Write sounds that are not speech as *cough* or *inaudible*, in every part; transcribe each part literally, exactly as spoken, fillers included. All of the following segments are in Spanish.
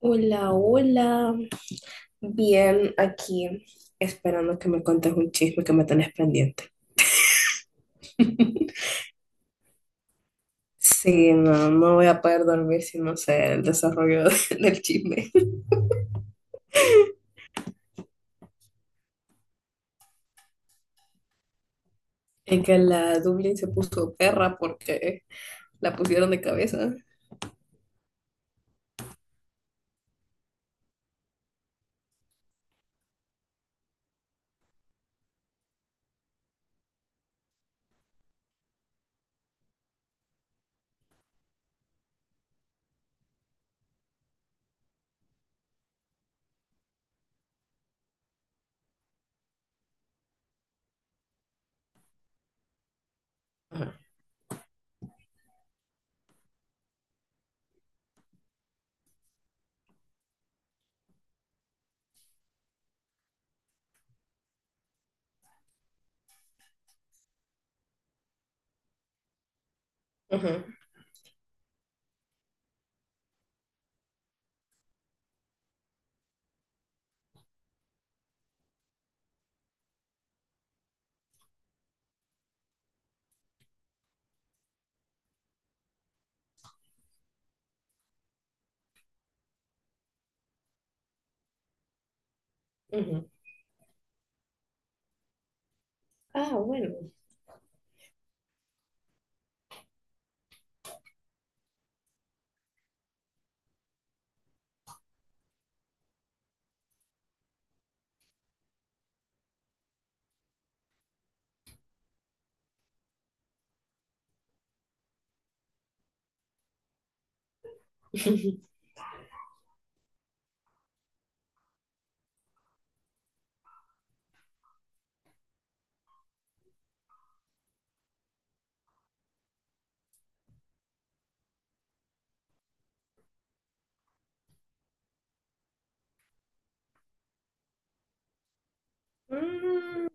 Hola, hola. Bien, aquí esperando que me contes un chisme que me tenés pendiente. *laughs* Sí, no, no voy a poder dormir si no sé el desarrollo *laughs* del chisme. En que la Dublín se puso perra porque la pusieron de cabeza. Ajá, ajá, ajá. Ah, bueno. *laughs* Mm,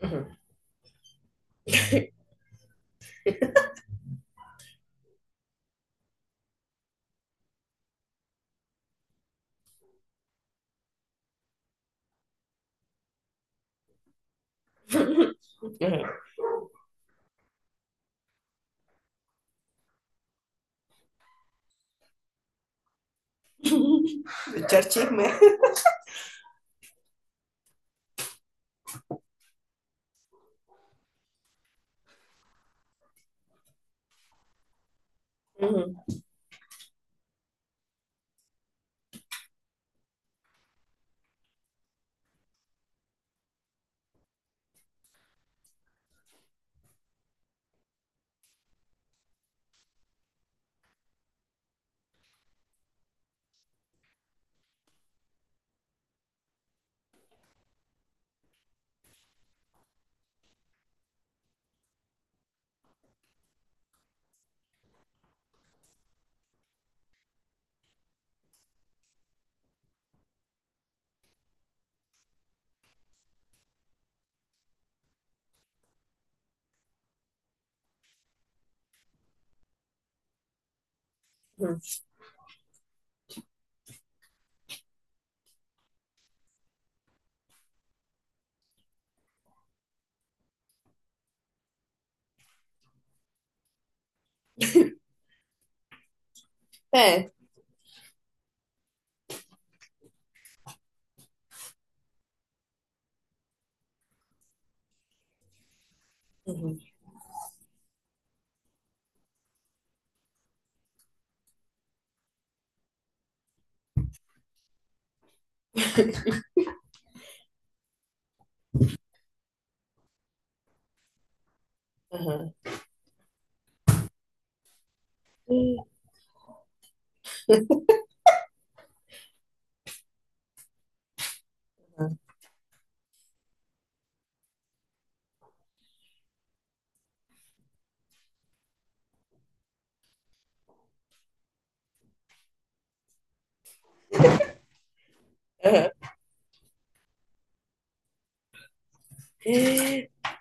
ajá. *laughs* Ajá. Echar chisme. Ajá, ajá. Eh, ajá, ajá. Ajá.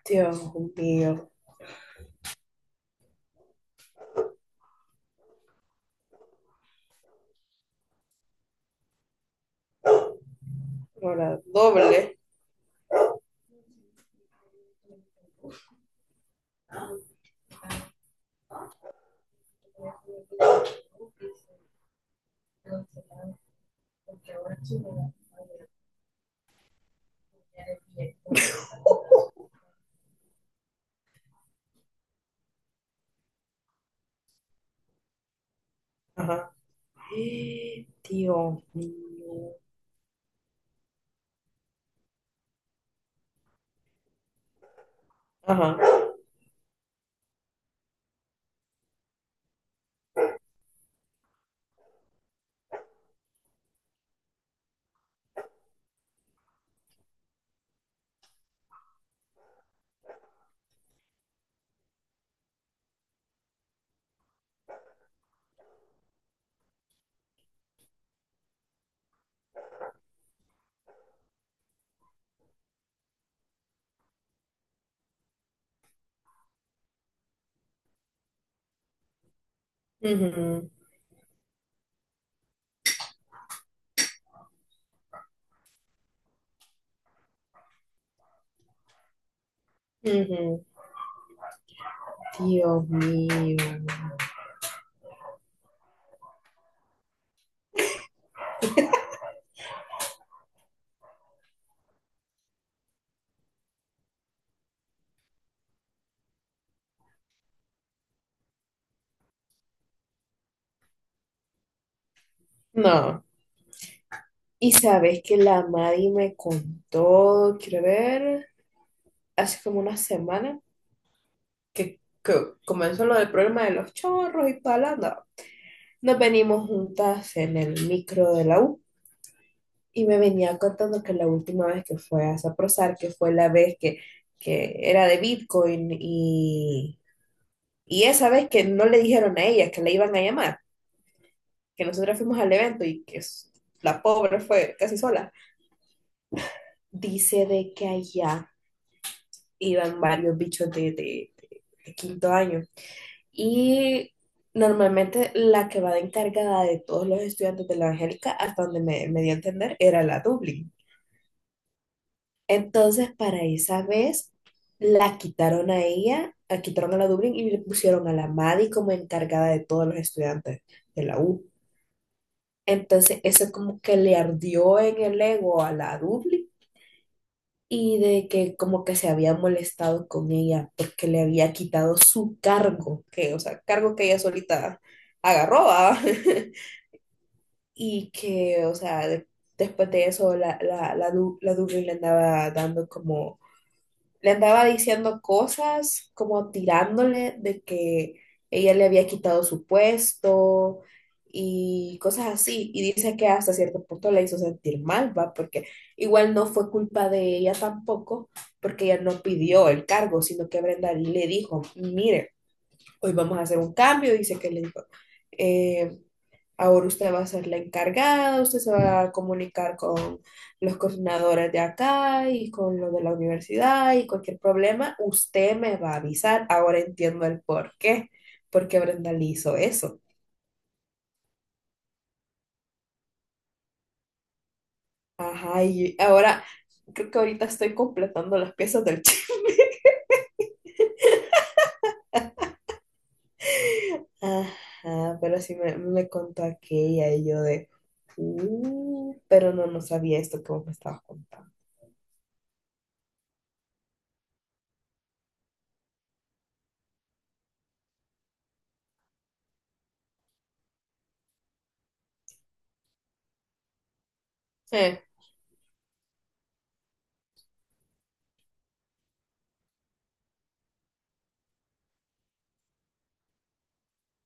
Dios mío. Ahora, doble. Ajá. Dios mío. Ajá. Ujú, ujú. Dios mío. No. Y sabes que la Mari me contó, quiero ver, hace como una semana que, que comenzó lo del problema de los chorros y toda la onda. Nos venimos juntas en el micro de la U. Y me venía contando que la última vez que fue a Saprosar, que fue la vez que, que era de Bitcoin y, y esa vez que no le dijeron a ella que la iban a llamar, que nosotros fuimos al evento y que s- la pobre fue casi sola, dice de que allá iban varios bichos de, de, de- de quinto año y normalmente la que va de encargada de todos los estudiantes de la Angélica, hasta donde me, me dio a entender, era la Dublin. Entonces, para esa vez, la quitaron a ella, la quitaron a la Dublín y le pusieron a la Maddie como encargada de todos los estudiantes de la U. Entonces, eso como que le ardió en el ego a la Dublín y de que como que se había molestado con ella porque le había quitado su cargo, que, o sea, cargo que ella solita agarró, ¿va? *laughs* Y que, o sea, de- después de eso, la, la, la, Du- la Dublín le andaba dando como le andaba diciendo cosas, como tirándole de que ella le había quitado su puesto y cosas así. Y dice que hasta cierto punto le hizo sentir mal, ¿va? Porque igual no fue culpa de ella tampoco, porque ella no pidió el cargo, sino que Brenda le dijo, mire, hoy vamos a hacer un cambio, dice que le dijo. eh, Ahora usted va a ser la encargada, usted se va a comunicar con los coordinadores de acá y con los de la universidad y cualquier problema, usted me va a avisar. Ahora entiendo el por qué, porque Brenda le hizo eso. Ajá, y ahora creo que ahorita estoy completando las piezas del chisme. *laughs* Ajá, pero sí me, me contó aquella y yo de, uh, pero no, no sabía esto que vos me estabas contando. Eh,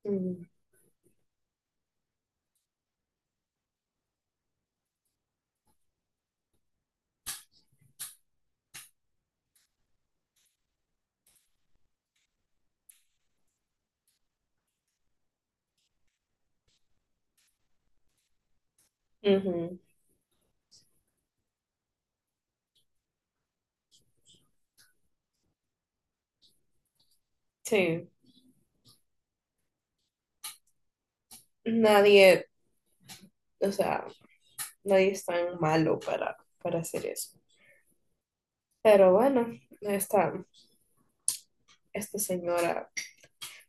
mm, ujú, sí, nadie o sea, nadie es tan malo para, para hacer eso. Pero bueno, esta, esta señora,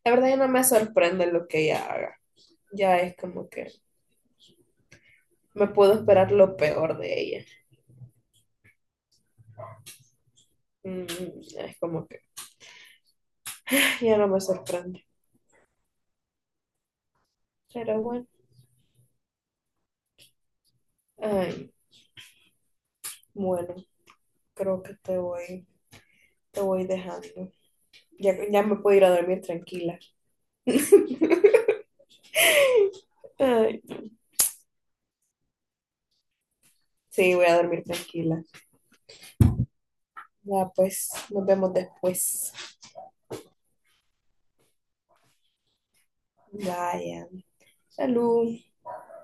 la verdad ya no me sorprende lo que ella haga. Ya es como que me puedo esperar lo peor de ella. Mm, es como que ya no me sorprende. Pero bueno, ay, bueno, creo que te voy, te voy dejando. Ya, ya me puedo ir a dormir tranquila. *laughs* Ay, sí, voy a dormir tranquila. Ya, pues, nos vemos después. Vaya. Salud.